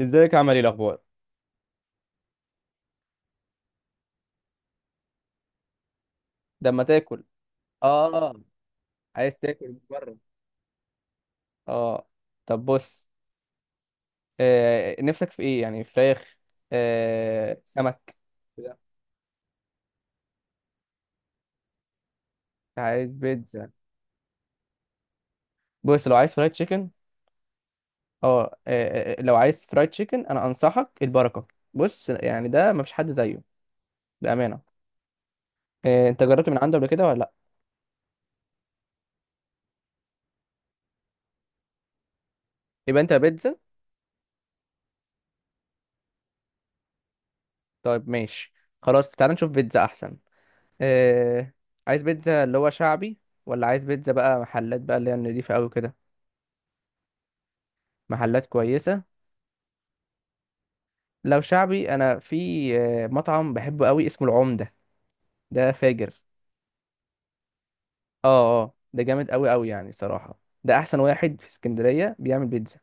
ازيك، عمل ايه الاخبار؟ ده ما تاكل؟ اه. عايز تاكل من بره؟ اه. طب، بص. آه، نفسك في ايه، يعني فراخ؟ آه، سمك؟ كده. عايز بيتزا؟ بص، لو عايز فرايد تشيكن. اه، لو عايز فرايد تشيكن انا انصحك البركه. بص، يعني ده ما فيش حد زيه. بامانه. آه، انت جربت من عنده قبل كده، ولا لا؟ يبقى انت بيتزا. طيب، ماشي. خلاص، تعال نشوف بيتزا احسن. آه. عايز بيتزا اللي هو شعبي، ولا عايز بيتزا بقى محلات بقى اللي هي النضيفه قوي كده؟ محلات كويسة. لو شعبي أنا في... مطعم بحبه قوي اسمه العمدة. ده فاجر. اه، اه، ده جامد قوي قوي، يعني صراحة ده أحسن واحد في اسكندرية بيعمل بيتزا.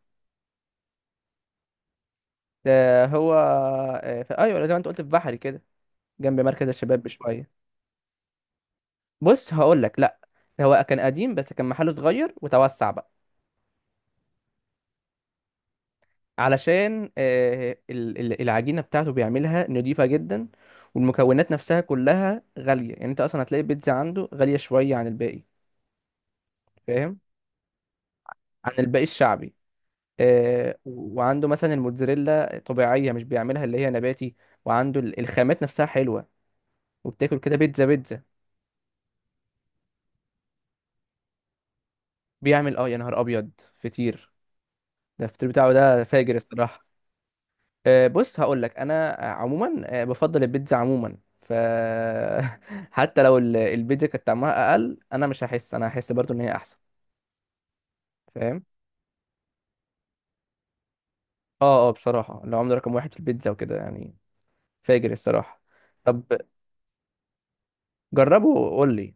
ده هو. في، أيوة زي ما أنت قلت، في بحري كده. جنب مركز الشباب بشوية. بص، هقول لك، لأ. هو كان قديم بس كان محله صغير وتوسع بقى. علشان العجينة بتاعته بيعملها نضيفة جدا، والمكونات نفسها كلها غالية، يعني أنت أصلا هتلاقي البيتزا عنده غالية شوية عن الباقي. فاهم. عن الباقي الشعبي. آه، و- وعنده مثلا الموتزاريلا طبيعية، مش بيعملها اللي هي نباتي. وعنده الخامات نفسها حلوة. وبتاكل كده بيتزا بيتزا. بيعمل، يا نهار أبيض! فطير. ده الفطير بتاعه، ده فاجر الصراحة. بص، هقول لك، أنا عموما بفضل البيتزا عموما، ف... حتى لو البيتزا كانت طعمها أقل، أنا مش هحس، أنا هحس برضو إن هي أحسن. فاهم. اه، اه، بصراحة العملة رقم واحد في البيتزا وكده، يعني فاجر الصراحة. طب، جربه وقول لي.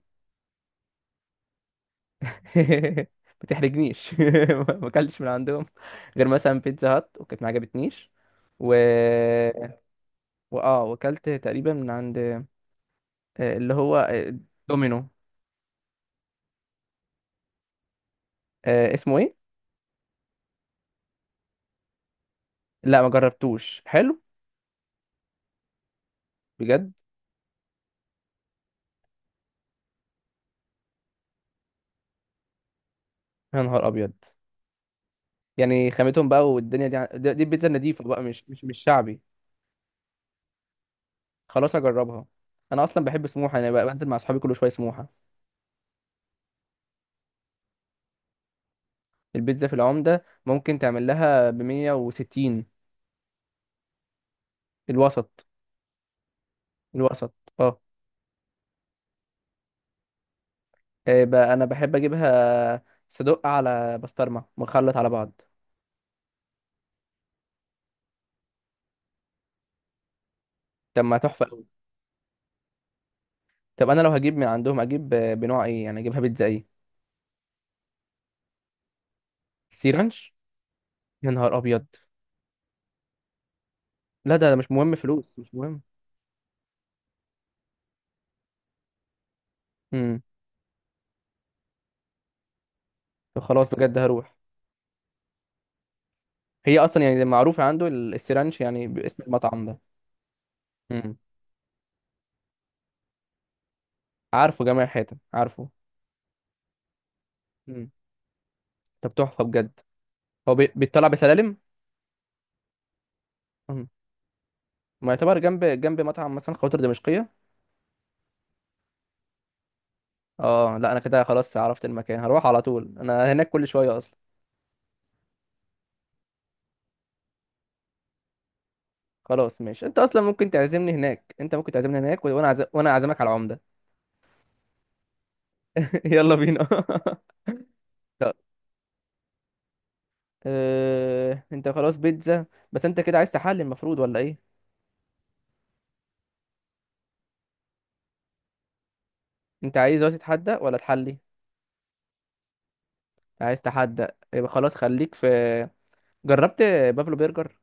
ما تحرجنيش، ما اكلتش من عندهم غير مثلا بيتزا هات، وكانت ما عجبتنيش. و... واه وكلت تقريبا من عند اللي هو دومينو. اسمه ايه؟ لا، ما جربتوش. حلو؟ بجد؟ يا نهار ابيض! يعني خامتهم بقى، والدنيا دي دي البيتزا النضيفه بقى، مش شعبي. خلاص، هجربها. انا اصلا بحب سموحه، انا بقى بنزل مع اصحابي كل شويه سموحه. البيتزا في العمده ممكن تعمل لها ب 160. الوسط. الوسط، اه. إيه بقى، انا بحب اجيبها صدق على بسطرمه، مخلط على بعض. طب، ما تحفه قوي. طب، انا لو هجيب من عندهم اجيب بنوع ايه، يعني اجيبها بيتزا ايه؟ سي رانش. يا نهار ابيض! لا، ده مش مهم، فلوس مش مهم. امم. طب، خلاص، بجد هروح. هي اصلا يعني معروفه عنده السي رانش، يعني باسم المطعم ده. امم. عارفه جميع الحيتان، عارفه. امم. طب، تحفه بجد. هو بيطلع بسلالم. امم. ما يعتبر جنب جنب مطعم مثلا خواطر دمشقيه. اه، لا انا كده خلاص عرفت المكان، هروح على طول، انا هناك كل شويه اصلا. خلاص، ماشي، انت اصلا ممكن تعزمني هناك، انت ممكن تعزمني هناك و- وانا عز... وانا اعزمك على العمده. يلا بينا. طب. اه... انت خلاص بيتزا، بس انت كده عايز تحلي المفروض، ولا ايه؟ انت عايز دلوقتي تتحدى ولا تحلي؟ عايز تحدى؟ يبقى خلاص، خليك في. جربت بافلو برجر؟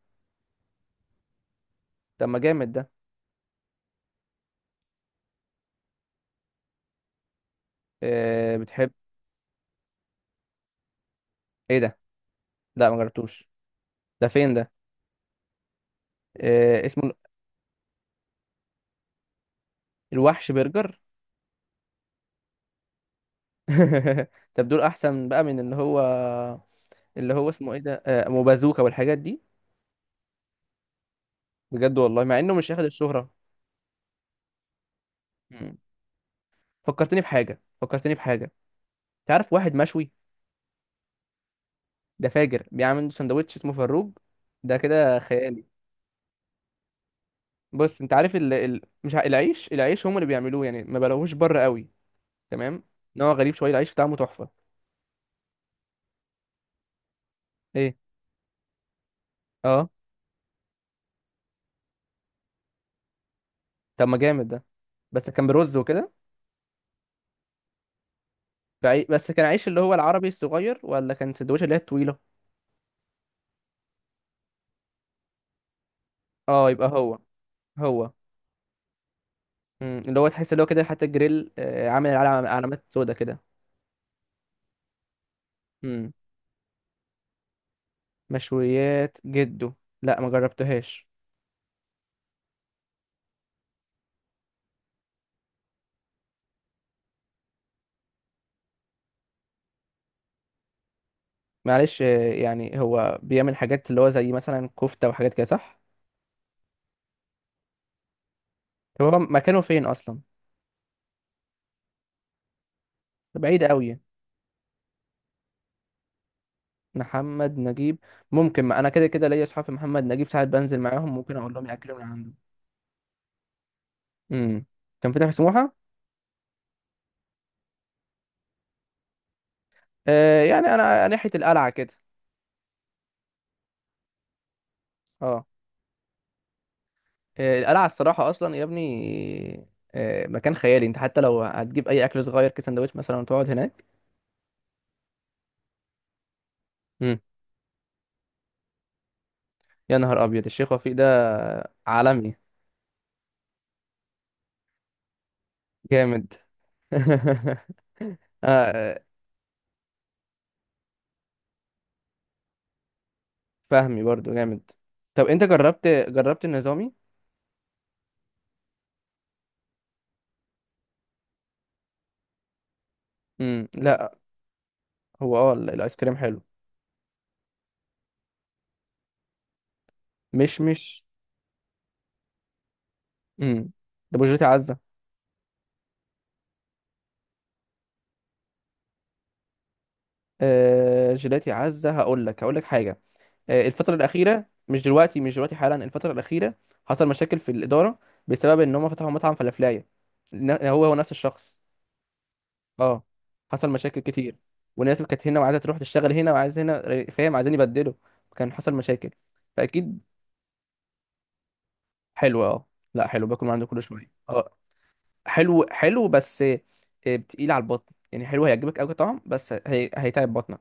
طب، ما جامد ده. اه... بتحب ايه ده؟ لا، ما جربتوش. ده فين ده؟ اه... اسمه الوحش برجر. طب، دول احسن بقى من اللي هو، اللي هو اسمه ايه ده؟ اه... أم بازوكا والحاجات دي. بجد والله، مع انه مش هياخد الشهرة. مم. فكرتني بحاجة، فكرتني بحاجة. تعرف واحد مشوي؟ ده فاجر، بيعمل عنده سندوتش اسمه فروج. ده كده خيالي. بص، انت عارف مش العيش، العيش هم اللي بيعملوه، يعني ما بلاقوهوش بره قوي. تمام. نوع غريب شوية، العيش بتاعه تحفة. ايه؟ اه. طب، ما جامد ده. بس كان برز وكده. بس كان عيش اللي هو العربي الصغير، ولا كان سندوتش اللي هي الطويلة؟ اه، يبقى هو. هو. مم. اللي هو تحس اللي هو كده، حتى الجريل عامل علامات سودا كده. مشويات جده؟ لا، ما جربتهاش. معلش. يعني هو بيعمل حاجات اللي هو زي مثلا كفتة وحاجات كده، صح؟ طب، هو مكانه فين اصلا؟ ده بعيد قوي. محمد نجيب. ممكن، ما انا كده كده ليا اصحاب في محمد نجيب، ساعات بنزل معاهم، ممكن اقول لهم ياكلوا من عنده. امم. كان فاتح في سموحة؟ آه، يعني انا ناحية القلعة كده. اه. القلعة الصراحة اصلا يا ابني، آه، مكان خيالي. انت حتى لو هتجيب اي اكل صغير كسندوتش مثلا وتقعد هناك. امم. يا نهار ابيض، الشيخ وفيق ده. عالمي. جامد. آه، فهمي برضو جامد. طب، انت جربت جربت النظامي؟ امم، لا. هو، اه، الايس كريم حلو. مش مش. امم. طب، وجيلاتي عزة؟ آه، جيلاتي عزة، هقول لك هقول لك حاجة. آه، الفترة الأخيرة، مش دلوقتي، مش دلوقتي حالا، الفترة الأخيرة. حصل مشاكل في الإدارة، بسبب ان هم فتحوا مطعم فلافلاية. هو هو نفس الشخص. اه. حصل مشاكل كتير، وناس كانت هنا وعايزه تروح تشتغل هنا، وعايز هنا، فاهم؟ عايزين يبدلوا. كان حصل مشاكل. فاكيد. حلو، اه. لا، حلو، باكل من عنده كل شويه، اه. حلو حلو، بس تقيل على البطن، يعني حلو هيعجبك قوي طعم، بس هيتعب بطنك.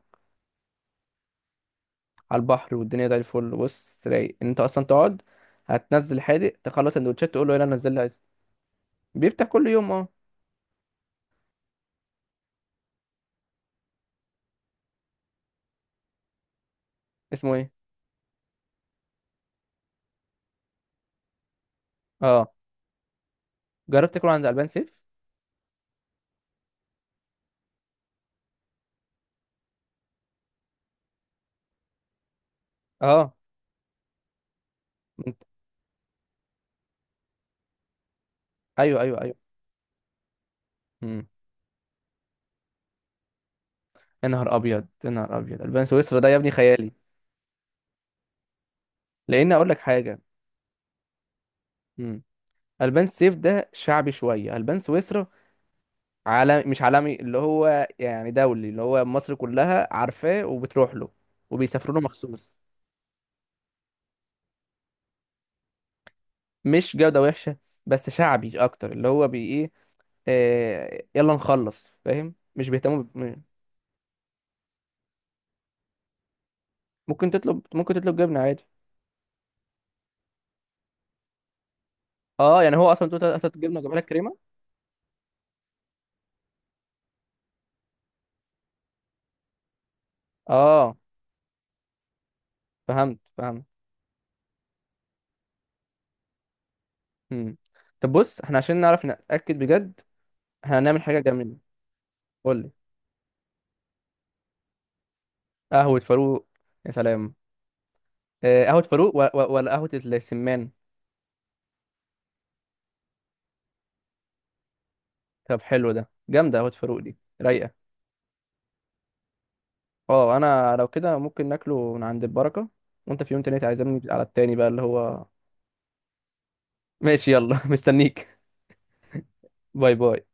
على البحر والدنيا زي الفل، بص رايق إن انت اصلا تقعد، هتنزل حادق، تخلص سندوتشات، تقول له يلا نزل لي ايس. بيفتح كل يوم، اه. اسمه ايه؟ اه. جربت تاكل عند البان سيف؟ اه. انت- ايوه، ايوه، ايوه. يا نهار ابيض، يا نهار ابيض! البان سويسرا ده يا ابني خيالي. لان اقول لك حاجه. امم. البان سيف ده شعبي شويه. البان سويسرا عالم، مش عالمي، اللي هو يعني دولي، اللي هو مصر كلها عارفاه وبتروح له وبيسافروا له مخصوص. مش جوده وحشه، بس شعبي اكتر اللي هو بي ايه. يلا نخلص، فاهم؟ مش بيهتموا ب... ممكن تطلب، ممكن تطلب جبنه عادي. اه، يعني هو اصلا تقول هات جبنه وجاب لك كريمه. اه، فهمت فهمت. امم. طب بص، احنا عشان نعرف نتاكد بجد، احنا هنعمل حاجة جميلة. قول لي. قهوة فاروق؟ يا سلام! قهوة فاروق و- و- ولا قهوة السمان؟ طب، حلو ده، جامدة قهوة فاروق دي، رايقة. اه، انا لو كده ممكن ناكله من عند البركة، وانت في يوم تاني تعزمني على التاني بقى اللي هو... ماشي، يلا. مستنيك. باي، باي.